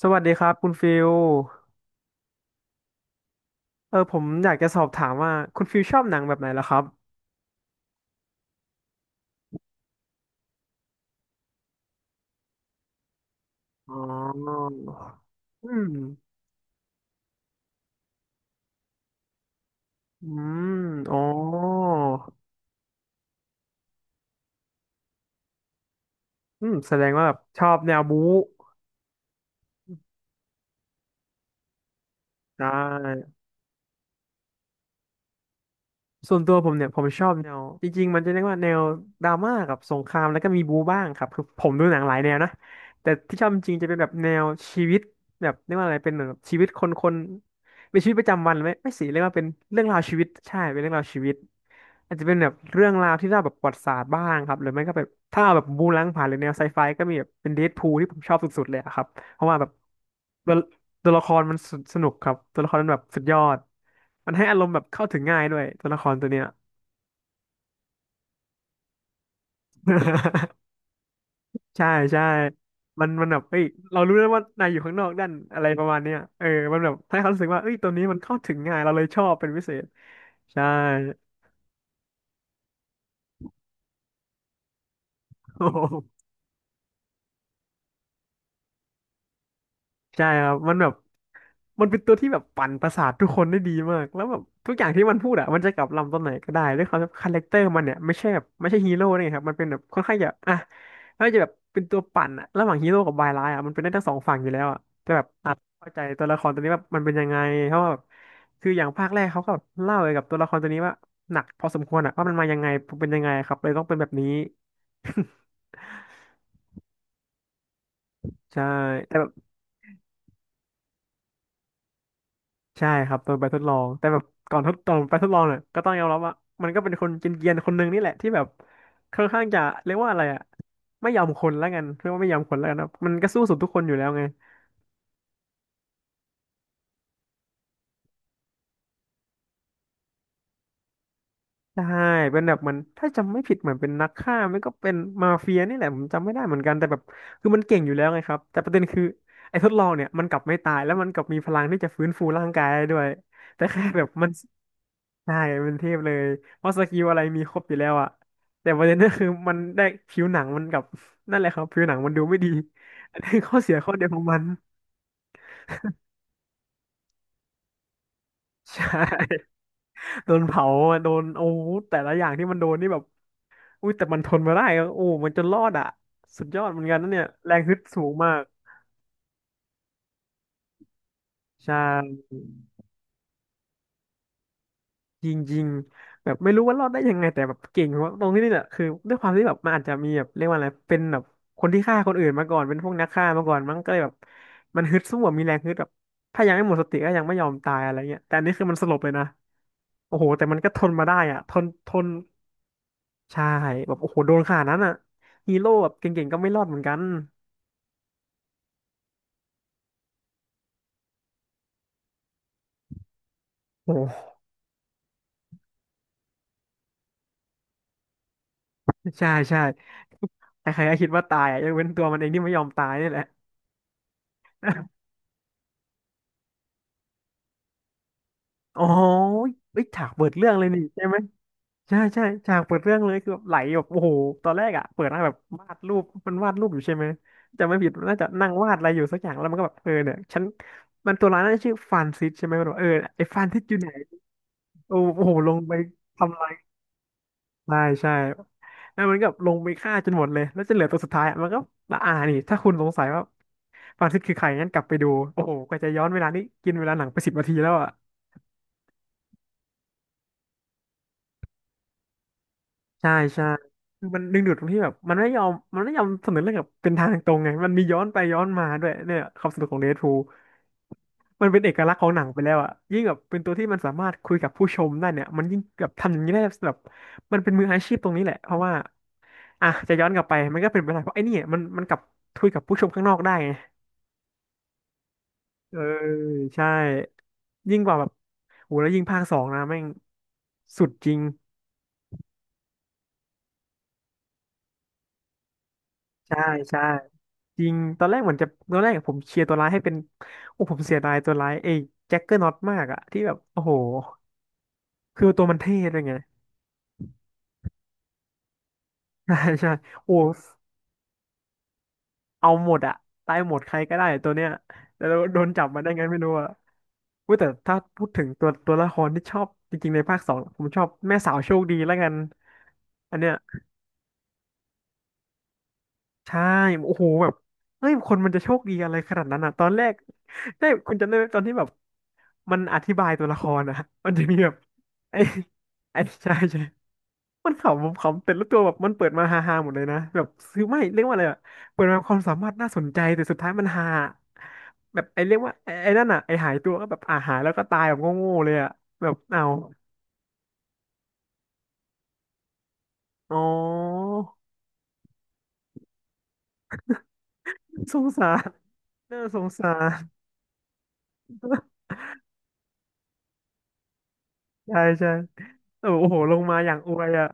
สวัสดีครับคุณฟิล ผมอยากจะสอบถามว่าคุณฟิลชอบหนังแบบไหนล่ะครับ อ๋ออืมอืมอ๋ออืมแสดงว่าแบบชอบแนวบู๊ได้ ส่วนตัวผมเนี่ยผมชอบแนวจริงๆมันจะเรียกว่าแนวดราม่ากับสงครามแล้วก็มีบูบ้างครับคือผมดูหนังหลายแนวนะแต่ที่ชอบจริงๆจะเป็นแบบแนวชีวิตแบบเรียกว่าอะไรเป็นเหมือนแบบชีวิตคนเป็นชีวิตประจำวันไหมไม่สิเรียกว่าเป็นเรื่องราวชีวิตใช่เป็นเรื่องราวชีวิตอาจจะเป็นแบบเรื่องราวที่เล่าแบบประวัติศาสตร์บ้างครับหรือไม่ก็แบบถ้าเอาแบบบู๊ล้างผ่านหรือแนวไซไฟก็มีแบบเป็นเดดพูลที่ผมชอบสุดๆเลยอะครับ เพราะว่าแบบตัวตัวละครมันสสนุกครับตัวละครมันแบบสุดยอดมันให้อารมณ์แบบเข้าถึงง่ายด้วยตัวละครตัวเนี้ย ใช่ใช่มันแบบเอ้ยเรารู้แล้วว่านายอยู่ข้างนอกด้านอะไรประมาณเนี้ยมันแบบให้เขารู้สึกว่าเอ้ยตัวนี้มันเข้าถึงง่ายเราเลยชอบเป็นพิเศษใช่ ใช่ครับมันแบบ มันเป็นตัวที่แบบปั่นประสาททุกคนได้ดีมากแล้วแบบทุกอย่างที่มันพูดอะมันจะกลับลำตอนไหนก็ได้ด้วยความที่คาแรคเตอร์มันเนี่ยไม่ใช่ฮีโร่นี่ครับมันเป็นแบบค่อนข้างจะอ่ะแล้วจะแบบเป็นตัวปั่นอะระหว่างฮีโร่กับบายร้ายอะมันเป็นได้ทั้งสองฝั่งอยู่แล้วอะแต่แบบอาจเข้าใจตัวละครตัวนี้ว่ามันเป็นยังไงเพราะว่าแบบคืออย่างภาคแรกเขาก็แบบเล่าเกี่ยวกับตัวละครตัวนี้ว่าหนักพอสมควรอะว่ามันมายังไงเป็นยังไงครับเลยต้องเป็นแบบนี้ ใช่แต่แบบ ใช่ครับตอนไปทดลองแต่แบบก่อนทดตอนไปทดลองเนี่ยก็ต้องยอมรับว่ามันก็เป็นคนเกรียนๆคนหนึ่งนี่แหละที่แบบค่อนข้างจะเรียกว่าอะไรอะไม่ยอมคนแล้วกันเรียกว่าไม่ยอมคนแล้วกันครับมันก็สู้สุดทุกคนอยู่แล้วไงใช่เป็นแบบเหมือนถ้าจำไม่ผิดเหมือนเป็นนักฆ่าไม่ก็เป็นมาเฟียนี่แหละผมจำไม่ได้เหมือนกันแต่แบบคือมันเก่งอยู่แล้วไงครับแต่ประเด็นคือไอ้ทดลองเนี่ยมันกลับไม่ตายแล้วมันกลับมีพลังที่จะฟื้นฟูร่างกายได้ด้วยแต่แค่แบบมัน ใช่เป็นเทพเลย เพราะสกิลอะไรมีครบอยู่แล้วอะ แต่ประเด็นก็คือมันได้ผิวหนังมันกับ นั่นแหละครับผิวหนังมันดูไม่ดี อันนี้ข้อเสียข้อเดียวของมัน ใช่ โดนเผาอะโดนโอ้โหแต่ละอย่างที่มันโดนนี่แบบอุ้ยแต่มันทนมาได้อะโอ้มันจนรอดอะ สุดยอดเหมือนกันนะเนี่ยแรงฮึดสูงมาก ใช่ จริงๆแบบไม่รู้ว่ารอดได้ยังไงแต่แบบเก่งเพราะตรงที่นี่แหละคือด้วยความที่แบบมันอาจจะมีแบบเรียกว่าอะไรเป็นแบบคนที่ฆ่าคนอื่นมาก่อนเป็นพวกนักฆ่ามาก่อนมันก็เลยแบบมันฮึดสู้อะมีแรงฮึดแบบถ้ายังไม่หมดสติก็ยังไม่ยอมตายอะไรเงี้ยแต่อันนี้คือมันสลบเลยนะโอ้โหแต่มันก็ทนมาได้อ่ะทนใช่แบบโอ้โหโดนขนาดนั้นอ่ะฮีโร่แบบเก่งๆก็ไม่รอดเหมือนกันโอ้โหใช่ใช่ใครๆก็คิดว่าตายอ่ะยกเว้นตัวมันเองที่ไม่ยอมตายนี่แหละอ๋อเอ้ยฉากเปิดเรื่องเลยนี่ใช่ไหม ใช่ใช่ฉากเปิดเรื่องเลยคือแบบไหลแบบโอ้โหตอนแรกอ่ะเปิดมาแบบวาดรูปมันวาดรูปอยู่ใช่ไหมจะไม่ผิดมันน่าจะนั่งวาดอะไรอยู่สักอย่างแล้วมันก็แบบเออเนี่ยฉันมันตัวร้ายน่าจะชื่อฟานซิสใช่ไหมมันบอกเออไอ้ฟานซิสอยู่ไหนโอ้โอ้โหลงไปทำลายใช่ใช่แล้วมันก็ลงไปฆ่าจนหมดเลยแล้วจะเหลือตัวสุดท้ายอะมันก็ละอานี่ถ้าคุณสงสัยว่าฟานซิสคือใครงั้นกลับไปดูโอ้โหกว่าจะย้อนเวลานี้กินเวลาหนังไป10 นาทีแล้วอ่ะ ใช่ใช่คือมันดึงดูดตรงที่แบบมันไม่ยอมเสนอเรื่องแบบเป็นทางตรงไงมันมีย้อนไปย้อนมาด้วยเนี่ยความสนุกของเดดพูลมันเป็นเอกลักษณ์ของหนังไปแล้วอะยิ่งแบบเป็นตัวที่มันสามารถคุยกับผู้ชมได้เนี่ยมันยิ่งแบบทำอย่างนี้ได้แบบมันเป็นมืออาชีพตรงนี้แหละเพราะว่าอ่ะจะย้อนกลับไปมันก็เป็นไปได้เพราะไอ้นี่มันกลับคุยกับผู้ชมข้างนอกได้ไงเออใช่ยิ่งกว่าแบบโหแล้วยิ่งภาคสองนะแม่งสุดจริงใช่ใช่ จริง ตอนแรกเหมือนจะตอนแรกผมเชียร์ตัวร้ายให้เป็น โอ้ผมเสียดายตัวร้ายเอ้แจ็คเกอร์น็อตมากอะที่แบบโอ้โห คือตัวมันเท่ด้วยไง ใช่ใช่โอ้เอาหมดอะตายหมดใครก็ได้ตัวเนี้ยแต่เราโดนจับมาได้ไงไม่รู้อะเว้ยแต่ถ้าพูดถึงตัวละครที่ชอบจริงๆในภาคสองผมชอบแม่สาวโชคดีแล้วกันอันเนี้ย ใช่โอ้โหแบบเฮ้ยคนมันจะโชคดีอะไรขนาดนั้นอ่ะตอนแรกได้คุณจำได้ไหมตอนที่แบบมันอธิบายตัวละครอ่ะมันจะมีแบบไอ้ไอ้ใช่มันขำผมขำแต่ละตัวแบบมันเปิดมาฮาๆหมดเลยนะแบบซือไม่เรียกว่าอะไรอะเปิดมาความสามารถน่าสนใจแต่สุดท้ายมันฮาแบบไอ้เรียกว่าไอ้นั่นอ่ะไอ้หายตัวก็แบบอ่าหายแล้วก็ตายแบบโง่ๆเลยอ่ะแบบเอาอ๋อสงสารน่าสงสาร ใช่โอ้โหลงมาอย่างอวยอ่ะ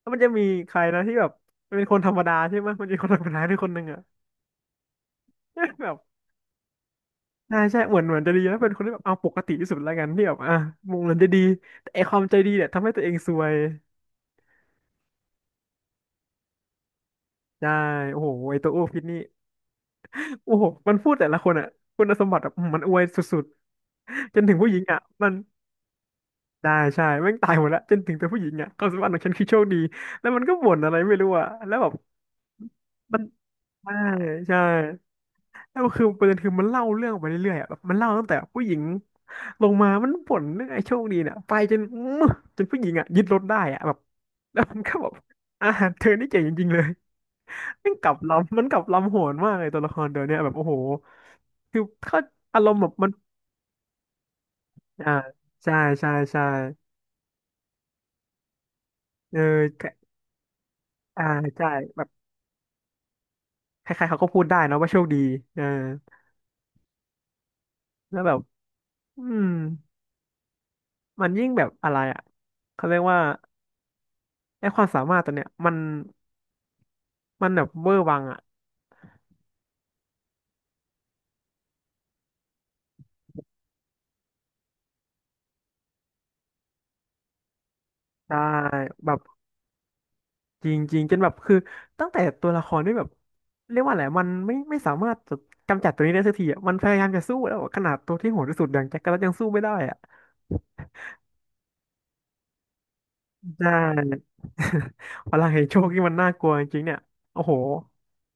แล้วมันจะมีใครนะที่แบบเป็นคนธรรมดาใช่ไหมมันจะมีคนธรรมดาด้วยคนหนึ่งอะ แบบใช่เหมือนจะดีนะเป็นคนที่แบบเอาปกติที่สุดแล้วกันที่แบบอ่ะมองเหมือนจะดีแต่ไอความใจดีเนี่ยทำให้ตัวเองซวยใช่โอ้โหไอตัวอ้วกพิษนี่โอ้โหมันพูดแต่ละคนอะคุณสมบัติแบบมันอวยสุดๆจนถึงผู้หญิงอะมันได้ใช่แม่งตายหมดแล้วจนถึงตัวผู้หญิงอะความสามารถของฉันคือโชคดีแล้วมันก็บ่นอะไรไม่รู้อะแล้วแบบมันใช่ใช่ แล้วคือประเด็นคือมันเล่าเรื่องไปเรื่อยๆอ่ะแบบมันเล่าตั้งแต่ผู้หญิงลงมามันบ่นเรื่องไอ้โชคดีเนี่ยไปจน อื้อจนผู้หญิงอ่ะยึดรถได้อ่ะแบบแล้วมันก็แบบอ่าเธอนี่เจ๋งจริงๆเลยมันกลับลำโหนมากเลยตัวละครตัวเนี้ยแบบโอ้โหคือเขาอารมณ์แบบมันอ่าใช่ใช่เออแต่อ่าใช่แบบใครๆเขาก็พูดได้นะว่าโชคดีเออแล้วแบบอืมมันยิ่งแบบอะไรอ่ะเขาเรียกว่าไอ้ความสามารถตัวเนี้ยมัน มันแบบเวอร์วังอ่ะใช่แบบจริงๆจนแบบคือตั้งแต่ตัวละครที่แบบเรียกว่าอะไรมันไม่สามารถจะกำจัดตัวนี้ได้สักทีอ่ะมันพยายามจะสู้แล้วอะขนาดตัวที่โหดที่สุดอย่างแจ็คก็ยังสู้ไม่ได้อ่ะใช่ พลังแห่งโชคที่มันน่ากลัวจริงๆเนี่ยโอ้โห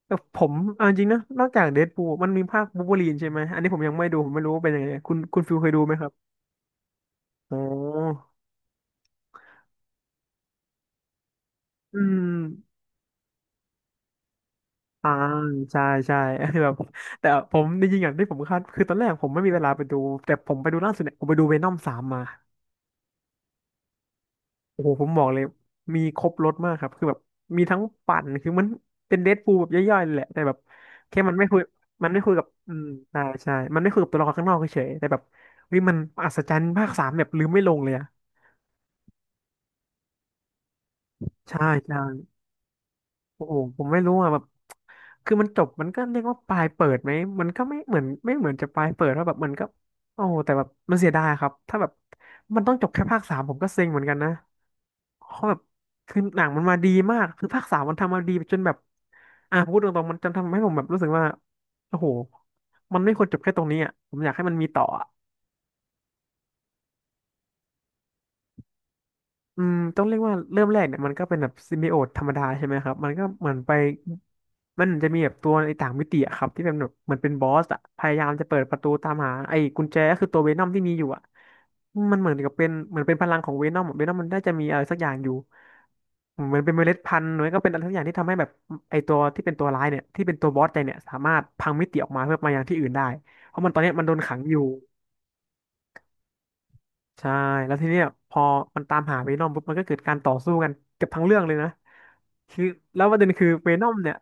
แต่ผมเอาจริงนะนอกจากเดดพูลมันมีภาคบูล์ฟเวอรีนใช่ไหมอันนี้ผมยังไม่ดูผมไม่รู้ว่าเป็นยังไงคุณฟิลเคยดูไหมครับอ๋ออืม อ่าใช่ใช่ แบบแต่ผมจริงๆอย่างที่ผมคาดคือตอนแรกผมไม่มีเวลาไปดูแต่ผมไปดูล่าสุดเนี่ยผมไปดูเวนอมสามมาโอ้โหผมบอกเลยมีครบรสมากครับคือแบบมีทั้งปั่นคือมันเป็นเดดพูลแบบย่อยๆเลยแหละแต่แบบแค่มันไม่คุยมันไม่คุยกับใช่มันไม่คุยกับตัวละครข้างนอกเฉยๆแต่แบบเฮ้ยมันอัศจรรย์ภาคสามแบบลืมไม่ลงเลยอะใช่ใช่ โอ้โหผมไม่รู้อ่ะแบบคือมันจบมันก็เรียกว่าปลายเปิดไหมมันก็ไม่เหมือนจะปลายเปิดว่าแบบมันก็โอ้โหแต่แบบมันเสียดายครับถ้าแบบมันต้องจบแค่ภาคสามผมก็เซ็งเหมือนกันนะเพราะแบบคือหนังมันมาดีมากคือภาคสามมันทำมาดีจนแบบอ่ะพูดตรงๆมันจนทำให้ผมแบบรู้สึกว่าโอ้โหมันไม่ควรจบแค่ตรงนี้อ่ะผมอยากให้มันมีต่ออ่ะ อืมต้องเรียกว่าเริ่มแรกเนี่ยมันก็เป็นแบบซิมบิโอตธรรมดาใช่ไหมครับมันก็เหมือนไปมันจะมีแบบตัวในต่างมิติอะครับที่เป็นแบบเหมือนเป็นบอสอะพยายามจะเปิดประตูตามหาไอ้กุญแจก็คือตัวเวนอมที่มีอยู่อะมันเหมือนกับเป็นเหมือนเป็นพลังของเวนอมมันน่าจะมีอะไรสักอย่างอยู่เหมือนเป็นเมล็ดพันธุ์หรือก็เป็นอะไรสักอย่างที่ทำให้แบบไอ้ตัวที่เป็นตัวร้ายเนี่ยที่เป็นตัวบอสใจเนี่ยสามารถพังมิติออกมาเพื่อมายังที่อื่นได้เพราะมันตอนเนี้ยมันโดนขังอยู่ ใช่แล้วทีเนี้ยพอมันตามหาเวนอมปุ๊บมันก็เกิดการต่อสู้กันเกือบทั้งเรื่องเลยนะคือแล้วประเด็นคือเวนอมเนี่ย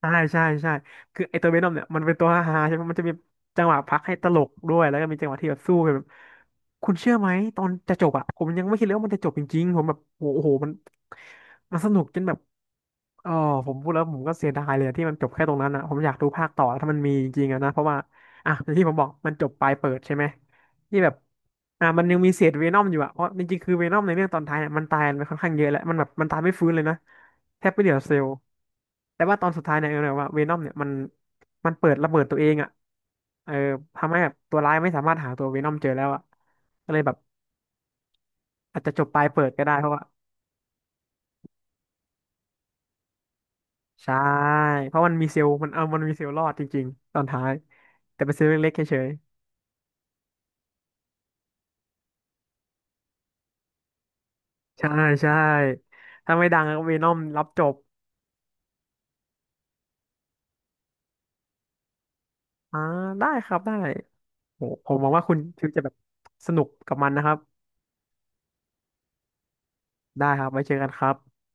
ใช่ใช่ใช่คือไอตัวเวนอมเนี่ยมันเป็นตัวฮาๆใช่ไหมมันจะมีจังหวะพักให้ตลกด้วยแล้วก็มีจังหวะที่แบบสู้กันแบบคุณเชื่อไหมตอนจะจบอะผมยังไม่คิดเลยว่ามันจะจบจริงๆผมแบบโอ้โหมันสนุกจนแบบเออผมพูดแล้วผมก็เสียดายเลยอะที่มันจบแค่ตรงนั้นอะผมอยากดูภาคต่อถ้ามันมีจริงๆอะนะเพราะว่าอ่ะอย่างที่ผมบอกมันจบปลายเปิดใช่ไหม ที่แบบอ่ามันยังมีเศษเวนอมอยู่อะเพราะจริงๆคือเวนอมในเรื่องตอนท้ายเนี่ยมันตายไปค่อนข้างเยอะแล้วมันแบบมันตายไม่ฟื้นเลยนะแทบไม่เหลือเซลล์แต่ว่าตอนสุดท้ายเนี่ยเออแบบว่าเวนอมเนี่ยมันเปิดระเบิดตัวเองอะเออทำให้แบบตัวร้ายไม่สามารถหาตัวเวนอมเจอแล้วอะก็เลยแบบอาจจะจบปลายเปิดก็ได้เพราะว่าใช่เพราะมันมีเซลล์มันมีเซลล์รอดจริงๆตอนท้ายแต่เป็นเซลล์เล็กๆเฉยๆใช่ใช่ถ้าไม่ดังก็เวนอมรับจบอ่าได้ครับได้ โหผมหวังว่าคุณฟิวจะแบบสนุกกับมันนะครับ ได้ครับไว้เจอกันครับ